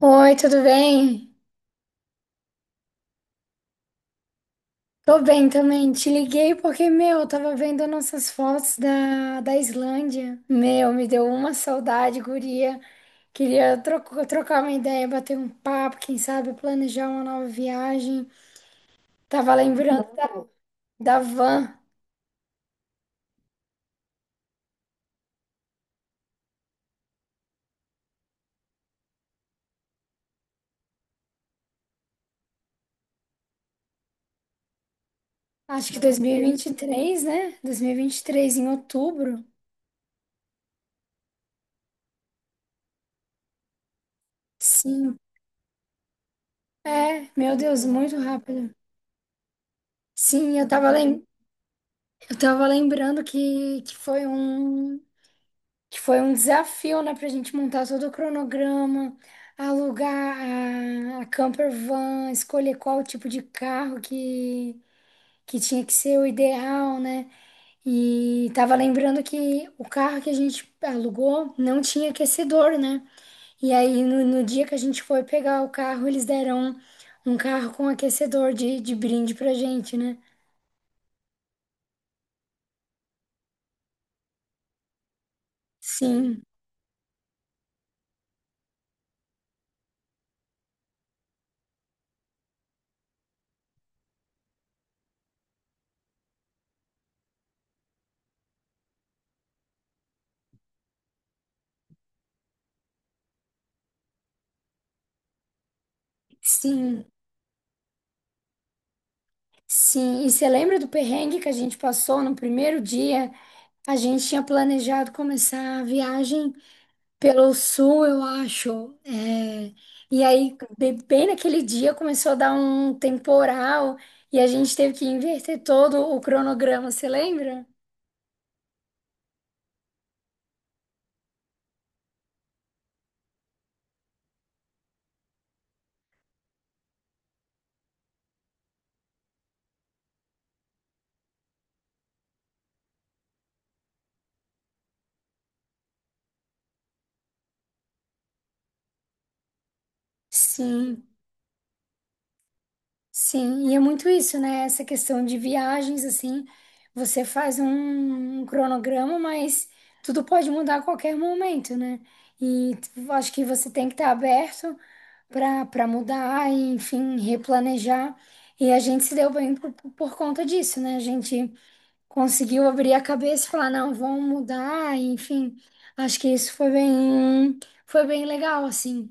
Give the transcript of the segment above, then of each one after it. Oi, tudo bem? Tô bem também. Te liguei porque, meu, eu tava vendo nossas fotos da Islândia. Meu, me deu uma saudade, guria. Queria trocar uma ideia, bater um papo, quem sabe planejar uma nova viagem. Tava lembrando da, da van, acho que dois mil e vinte e três, né? Dois mil e vinte e três, em outubro. Sim. É, meu Deus, muito rápido. Sim, eu tava, lem eu tava lembrando que foi um. Que foi um desafio, né, pra gente montar todo o cronograma, alugar a camper van, escolher qual tipo de carro que tinha que ser o ideal, né? E tava lembrando que o carro que a gente alugou não tinha aquecedor, né? E aí no, no dia que a gente foi pegar o carro, eles deram um carro com aquecedor de brinde pra gente, né? Sim, sim, sim. E você lembra do perrengue que a gente passou no primeiro dia? A gente tinha planejado começar a viagem pelo sul, eu acho. É, e aí, bem naquele dia, começou a dar um temporal e a gente teve que inverter todo o cronograma, você lembra? Sim, sim. E é muito isso, né? Essa questão de viagens, assim, você faz um cronograma, mas tudo pode mudar a qualquer momento, né? E acho que você tem que estar aberto. Para mudar, e, enfim, replanejar. E a gente se deu bem por conta disso, né? A gente conseguiu abrir a cabeça e falar, não, vamos mudar, e, enfim. Acho que isso foi bem legal, assim.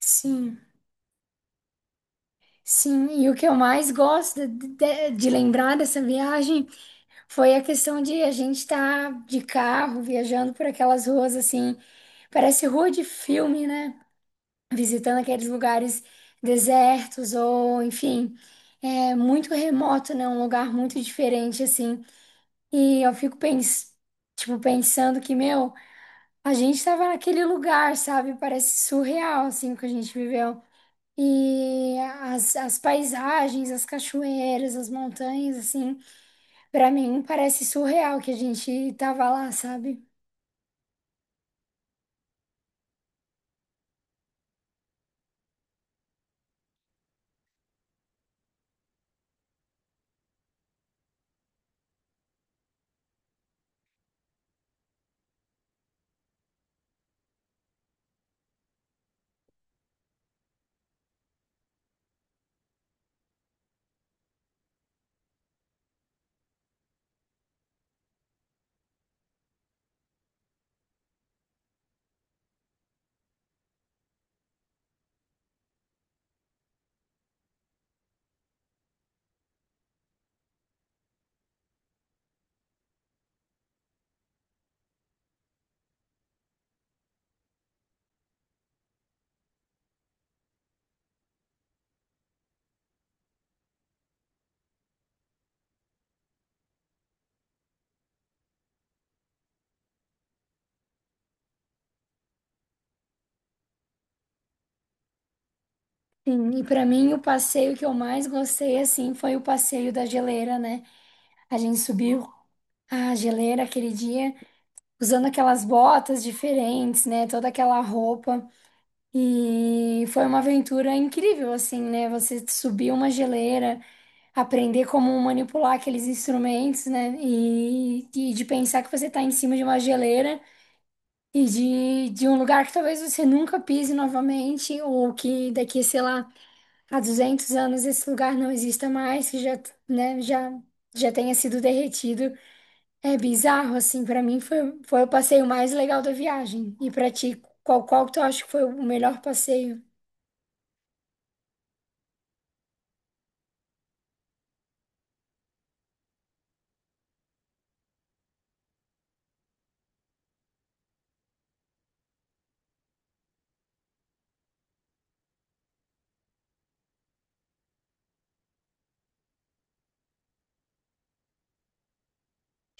Sim, sim. E o que eu mais gosto de lembrar dessa viagem foi a questão de a gente estar de carro, viajando por aquelas ruas, assim. Parece rua de filme, né? Visitando aqueles lugares desertos ou, enfim, é muito remoto, né? Um lugar muito diferente, assim. E eu fico pens tipo, pensando que, meu, a gente tava naquele lugar, sabe? Parece surreal, assim, o que a gente viveu. E as paisagens, as cachoeiras, as montanhas, assim, pra mim parece surreal que a gente tava lá, sabe? Sim, e pra mim o passeio que eu mais gostei, assim, foi o passeio da geleira, né? A gente subiu. Ah, geleira aquele dia, usando aquelas botas diferentes, né? Toda aquela roupa. E foi uma aventura incrível, assim, né? Você subir uma geleira, aprender como manipular aqueles instrumentos, né? E de pensar que você tá em cima de uma geleira e de um lugar que talvez você nunca pise novamente, ou que daqui, sei lá, a 200 anos esse lugar não exista mais, que já, né, já, já tenha sido derretido. É bizarro, assim, pra mim foi, foi o passeio mais legal da viagem. E pra ti, qual, qual que tu acha que foi o melhor passeio?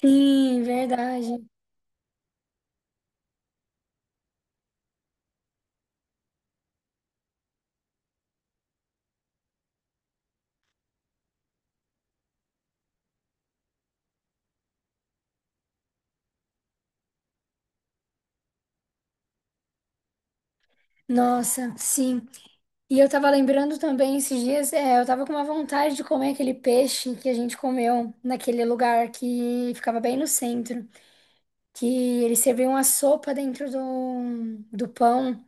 Sim, verdade. Nossa, sim. E eu tava lembrando também esses dias, é, eu tava com uma vontade de comer aquele peixe que a gente comeu naquele lugar que ficava bem no centro, que eles serviam a sopa dentro do pão.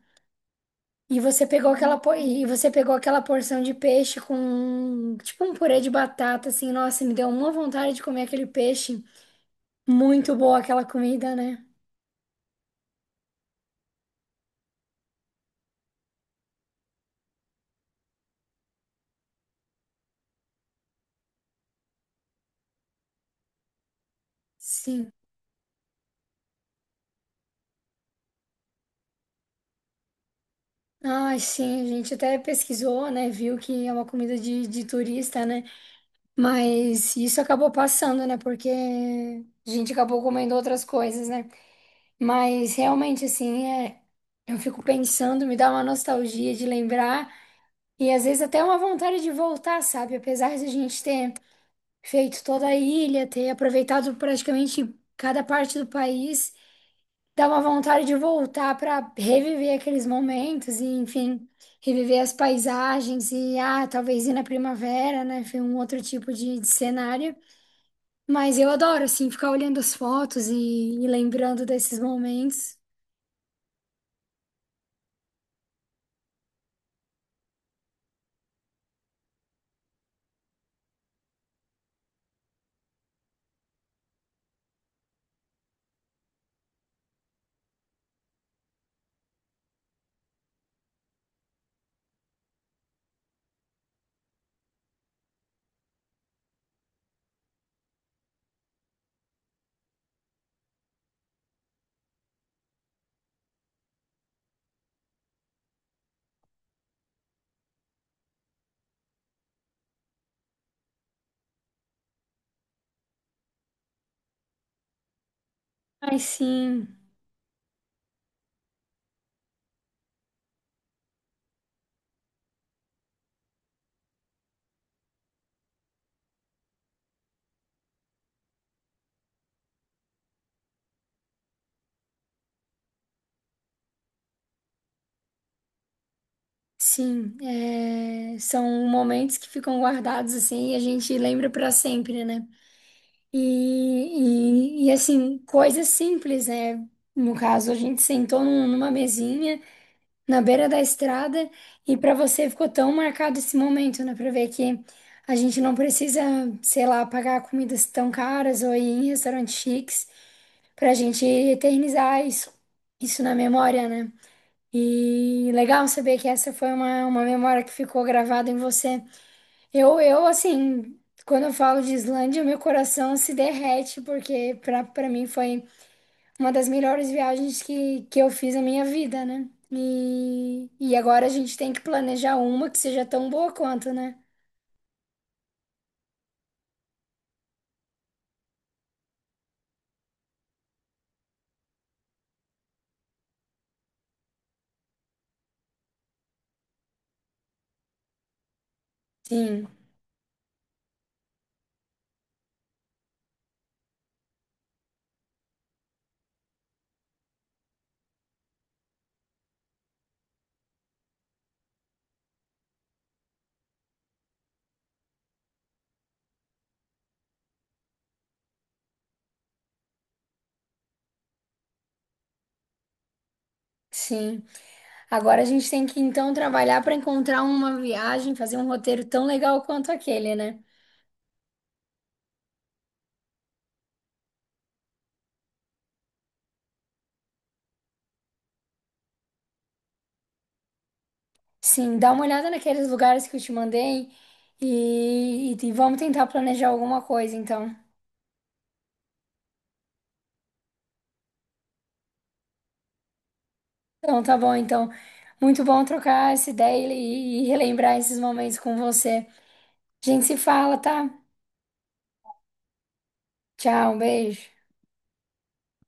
E você pegou aquela porção de peixe com tipo um purê de batata assim, nossa, me deu uma vontade de comer aquele peixe. Muito boa aquela comida, né? Sim. Ai, sim, a gente até pesquisou, né? Viu que é uma comida de turista, né? Mas isso acabou passando, né? Porque a gente acabou comendo outras coisas, né? Mas realmente, assim, é, eu fico pensando, me dá uma nostalgia de lembrar. E às vezes até uma vontade de voltar, sabe? Apesar de a gente ter feito toda a ilha, ter aproveitado praticamente cada parte do país, dá uma vontade de voltar para reviver aqueles momentos e, enfim, reviver as paisagens e, ah, talvez ir na primavera, né? Foi um outro tipo de cenário. Mas eu adoro, assim, ficar olhando as fotos e lembrando desses momentos. Ai, sim. Sim, é, são momentos que ficam guardados assim e a gente lembra para sempre, né? E, assim, coisas simples, né? No caso, a gente sentou numa mesinha na beira da estrada e para você ficou tão marcado esse momento, né? Para ver que a gente não precisa, sei lá, pagar comidas tão caras ou ir em restaurantes chiques para a gente eternizar isso, isso na memória, né? E legal saber que essa foi uma memória que ficou gravada em você. Eu, assim, quando eu falo de Islândia, meu coração se derrete, porque pra, pra mim foi uma das melhores viagens que eu fiz na minha vida, né? E agora a gente tem que planejar uma que seja tão boa quanto, né? Sim, sim. Agora a gente tem que então trabalhar para encontrar uma viagem, fazer um roteiro tão legal quanto aquele, né? Sim, dá uma olhada naqueles lugares que eu te mandei e vamos tentar planejar alguma coisa, então. Então, tá bom, então. Muito bom trocar essa ideia e relembrar esses momentos com você. A gente se fala, tá? Tchau, um beijo.